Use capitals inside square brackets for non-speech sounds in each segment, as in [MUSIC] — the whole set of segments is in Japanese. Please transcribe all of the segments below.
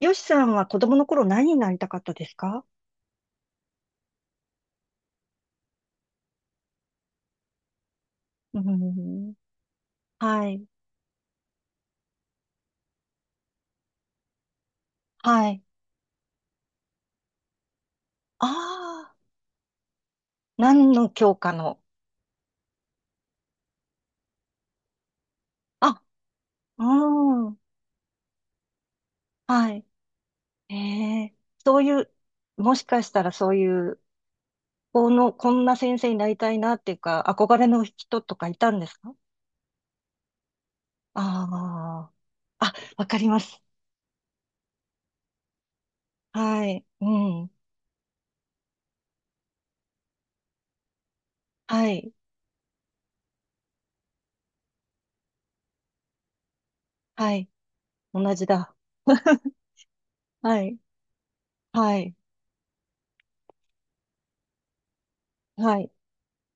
よしさんは子供の頃、何になりたかったですか？うん。はい。はい。ああ、何の教科の？あ、うん。はい。ええ、そういう、もしかしたらそういう、この、こんな先生になりたいなっていうか、憧れの人とかいたんですか？ああー。あ、わかります。はい。うん。はい。はい。同じだ。[LAUGHS] はい。はい。はい。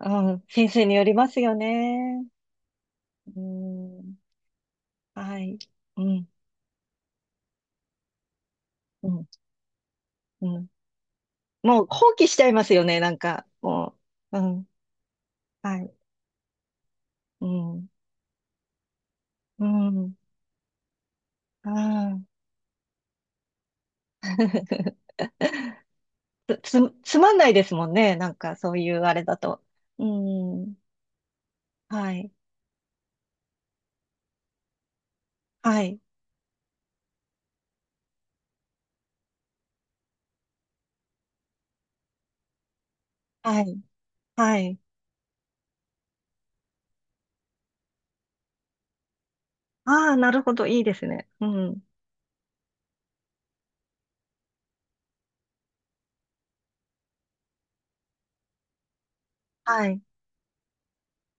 うん。先生によりますよね。うん、はい。うん、うん、うん。もう放棄しちゃいますよね、なんか。もう。うん、はい。うん、うん、ああ。[LAUGHS] つまんないですもんね、なんかそういうあれだと。うん、はい、はい、はい、はい。ああ、なるほど、いいですね。うん、はい。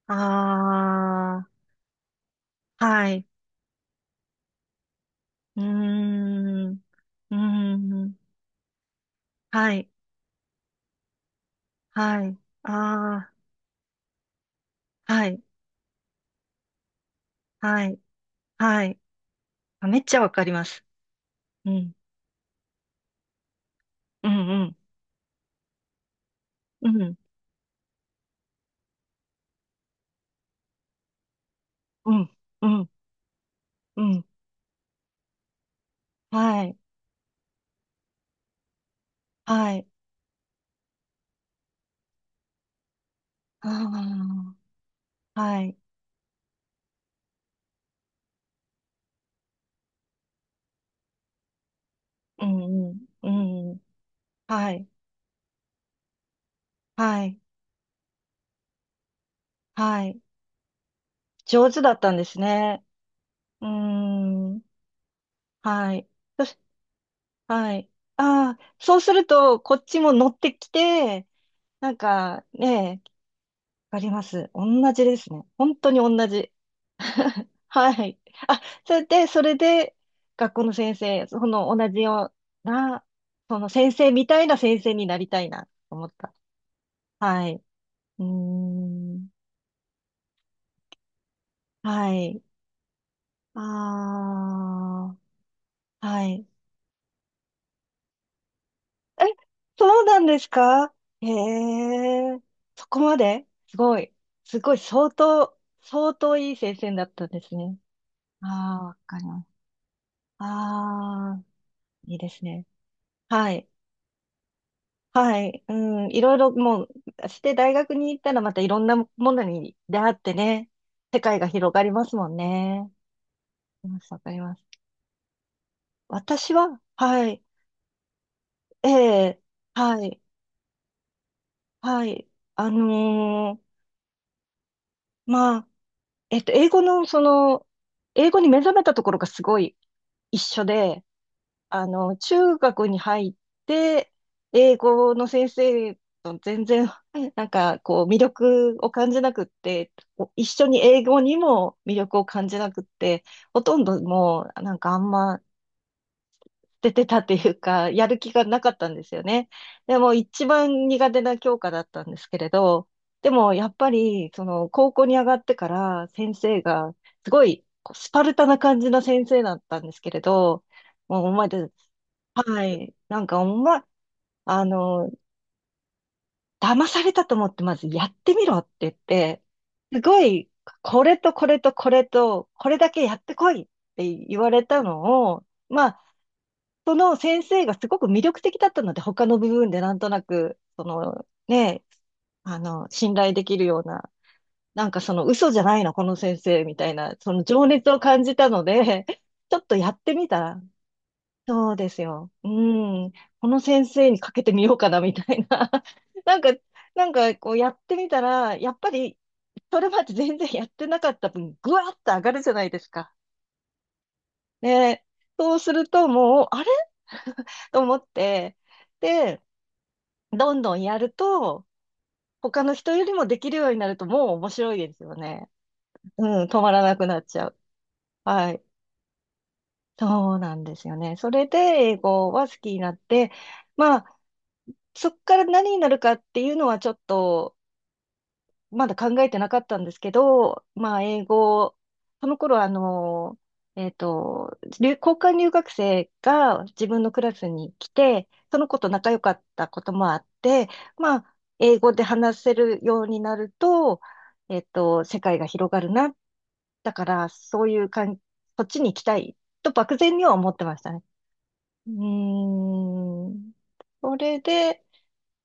ああ、はい。うーん、うーん、はい、はい。ああ、はい。はい。はい。あ、めっちゃわかります。うん。うん、うん。うん。うん。うん。うん。はい。はい。ああ。はい。うん、うん。うん。はい。はい。はい。上手だったんですね。うーん。はい。そしはい。ああ、そうすると、こっちも乗ってきて、なんかね、わかります。同じですね。本当に同じ。[LAUGHS] はい。あ、それで、学校の先生、その同じような、その先生みたいな先生になりたいな、と思った。はい。うーん。はい。ああ、はい。え、そうなんですか？へえ、そこまでですごい。すごい、相当いい先生だったんですね。ああ、わかります。ああ。いいですね。はい。はい。うん。いろいろもう、して大学に行ったらまたいろんなものに出会ってね、世界が広がりますもんね。わかります。わかります。私は、はい。ええ、はい。はい。あのーまあ、英語の、その、英語に目覚めたところがすごい一緒で、中学に入って、英語の先生と全然、[LAUGHS] なんかこう、魅力を感じなくって、一緒に英語にも魅力を感じなくって、ほとんどもう、なんかあんま出てたっていうか、[LAUGHS] やる気がなかったんですよね。でも、一番苦手な教科だったんですけれど、でも、やっぱり、その、高校に上がってから、先生が、すごい、こうスパルタな感じの先生だったんですけれど、もうお前たち、はい。なんか、おま、あの、騙されたと思って、まずやってみろって言って、すごい、これとこれとこれと、これだけやってこいって言われたのを、まあ、その先生がすごく魅力的だったので、他の部分でなんとなく、その、ね、信頼できるような、なんかその嘘じゃないの、この先生みたいな、その情熱を感じたので、ちょっとやってみたら、そうですよ。うん。この先生にかけてみようかな、みたいな。[LAUGHS] なんか、こうやってみたら、やっぱり、それまで全然やってなかった分、ぐわっと上がるじゃないですか。で、そうするともう、あれ [LAUGHS] と思って、で、どんどんやると、他の人よりもできるようになると、もう面白いですよね。うん、止まらなくなっちゃう。はい。そうなんですよね。それで、英語は好きになって、まあ、そっから何になるかっていうのはちょっと、まだ考えてなかったんですけど、まあ、英語、その頃交換留学生が自分のクラスに来て、その子と仲良かったこともあって、まあ、英語で話せるようになると、世界が広がるな。だから、そういうかん、そっちに行きたいと漠然には思ってましたね。うーん。それで、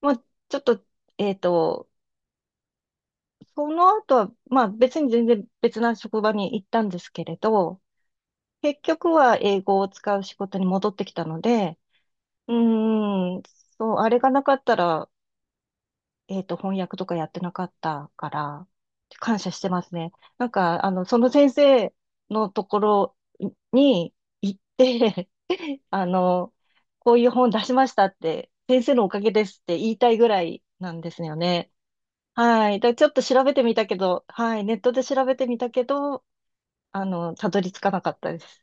まあ、ちょっと、えっと、その後は、まあ別に全然別な職場に行ったんですけれど、結局は英語を使う仕事に戻ってきたので、うーん、そう、あれがなかったら、翻訳とかやってなかったから、感謝してますね。なんか、その先生のところに行って、[LAUGHS] あの、こういう本出しましたって、先生のおかげですって言いたいぐらいなんですよね。はい。で、ちょっと調べてみたけど、はい。ネットで調べてみたけど、たどり着かなかったです。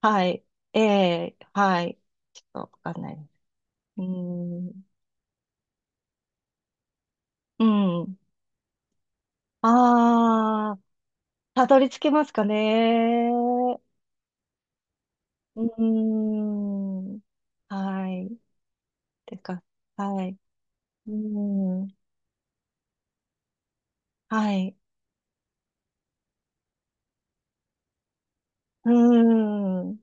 はい。ええ、はい。ちょっとわかんないです。うーん。うん。ああ、たどり着けますかね。うーん。はい。てか、はい。うーん。はい。うーん。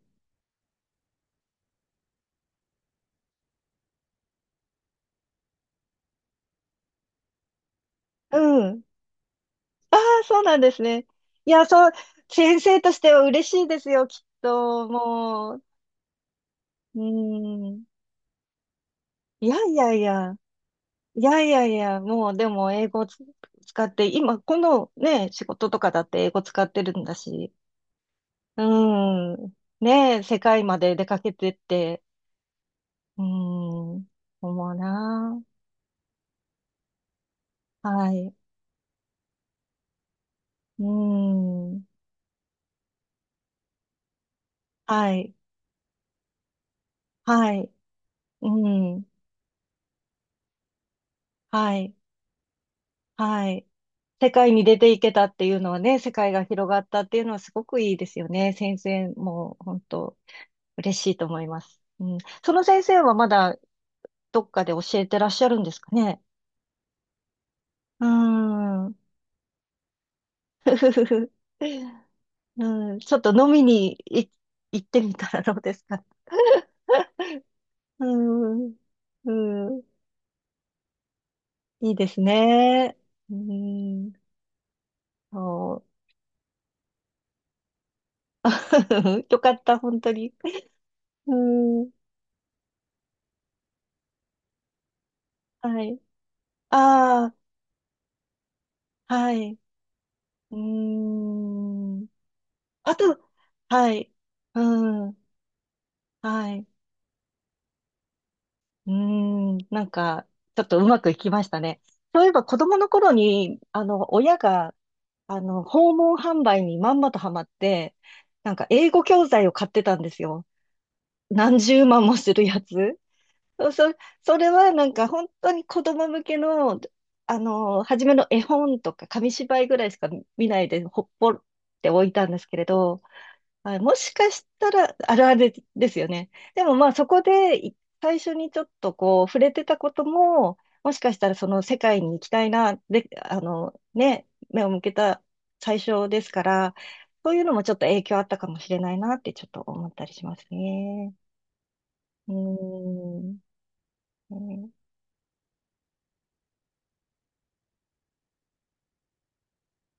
うん。ああ、そうなんですね。いや、そう、先生としては嬉しいですよ、きっと。もう、うーん。いやいやいや、いやいやいや、もうでも英語を使って、今、このね、仕事とかだって英語使ってるんだし、うーん。ねえ、世界まで出かけてって、うーん。思うな。はい。うーん。はい。はい。うーん。はい。はい。世界に出ていけたっていうのはね、世界が広がったっていうのはすごくいいですよね。先生も、本当嬉しいと思います。うん。その先生はまだどっかで教えてらっしゃるんですかね？うーん。[LAUGHS] ふふふふ。うん。ちょっと飲みに行ってみたらどうですか？うーん。うん。いいですね。うーん。そう。[LAUGHS] よかった、本当に。うーん。はい。ああ、はい。うーん。あと、はい。うん。はい。うーん、なんか、ちょっとうまくいきましたね。そういえば子供の頃に、親が、訪問販売にまんまとハマって、なんか英語教材を買ってたんですよ。何十万もするやつ。そ、そそれはなんか本当に子供向けの、初めの絵本とか紙芝居ぐらいしか見ないで、ほっぽって置いたんですけれど、はい、もしかしたら、あるあるですよね。でもまあそこで最初にちょっとこう触れてたことも、もしかしたらその世界に行きたいな、で、あのね、目を向けた最初ですから、そういうのもちょっと影響あったかもしれないなってちょっと思ったりしますね。うーん。ね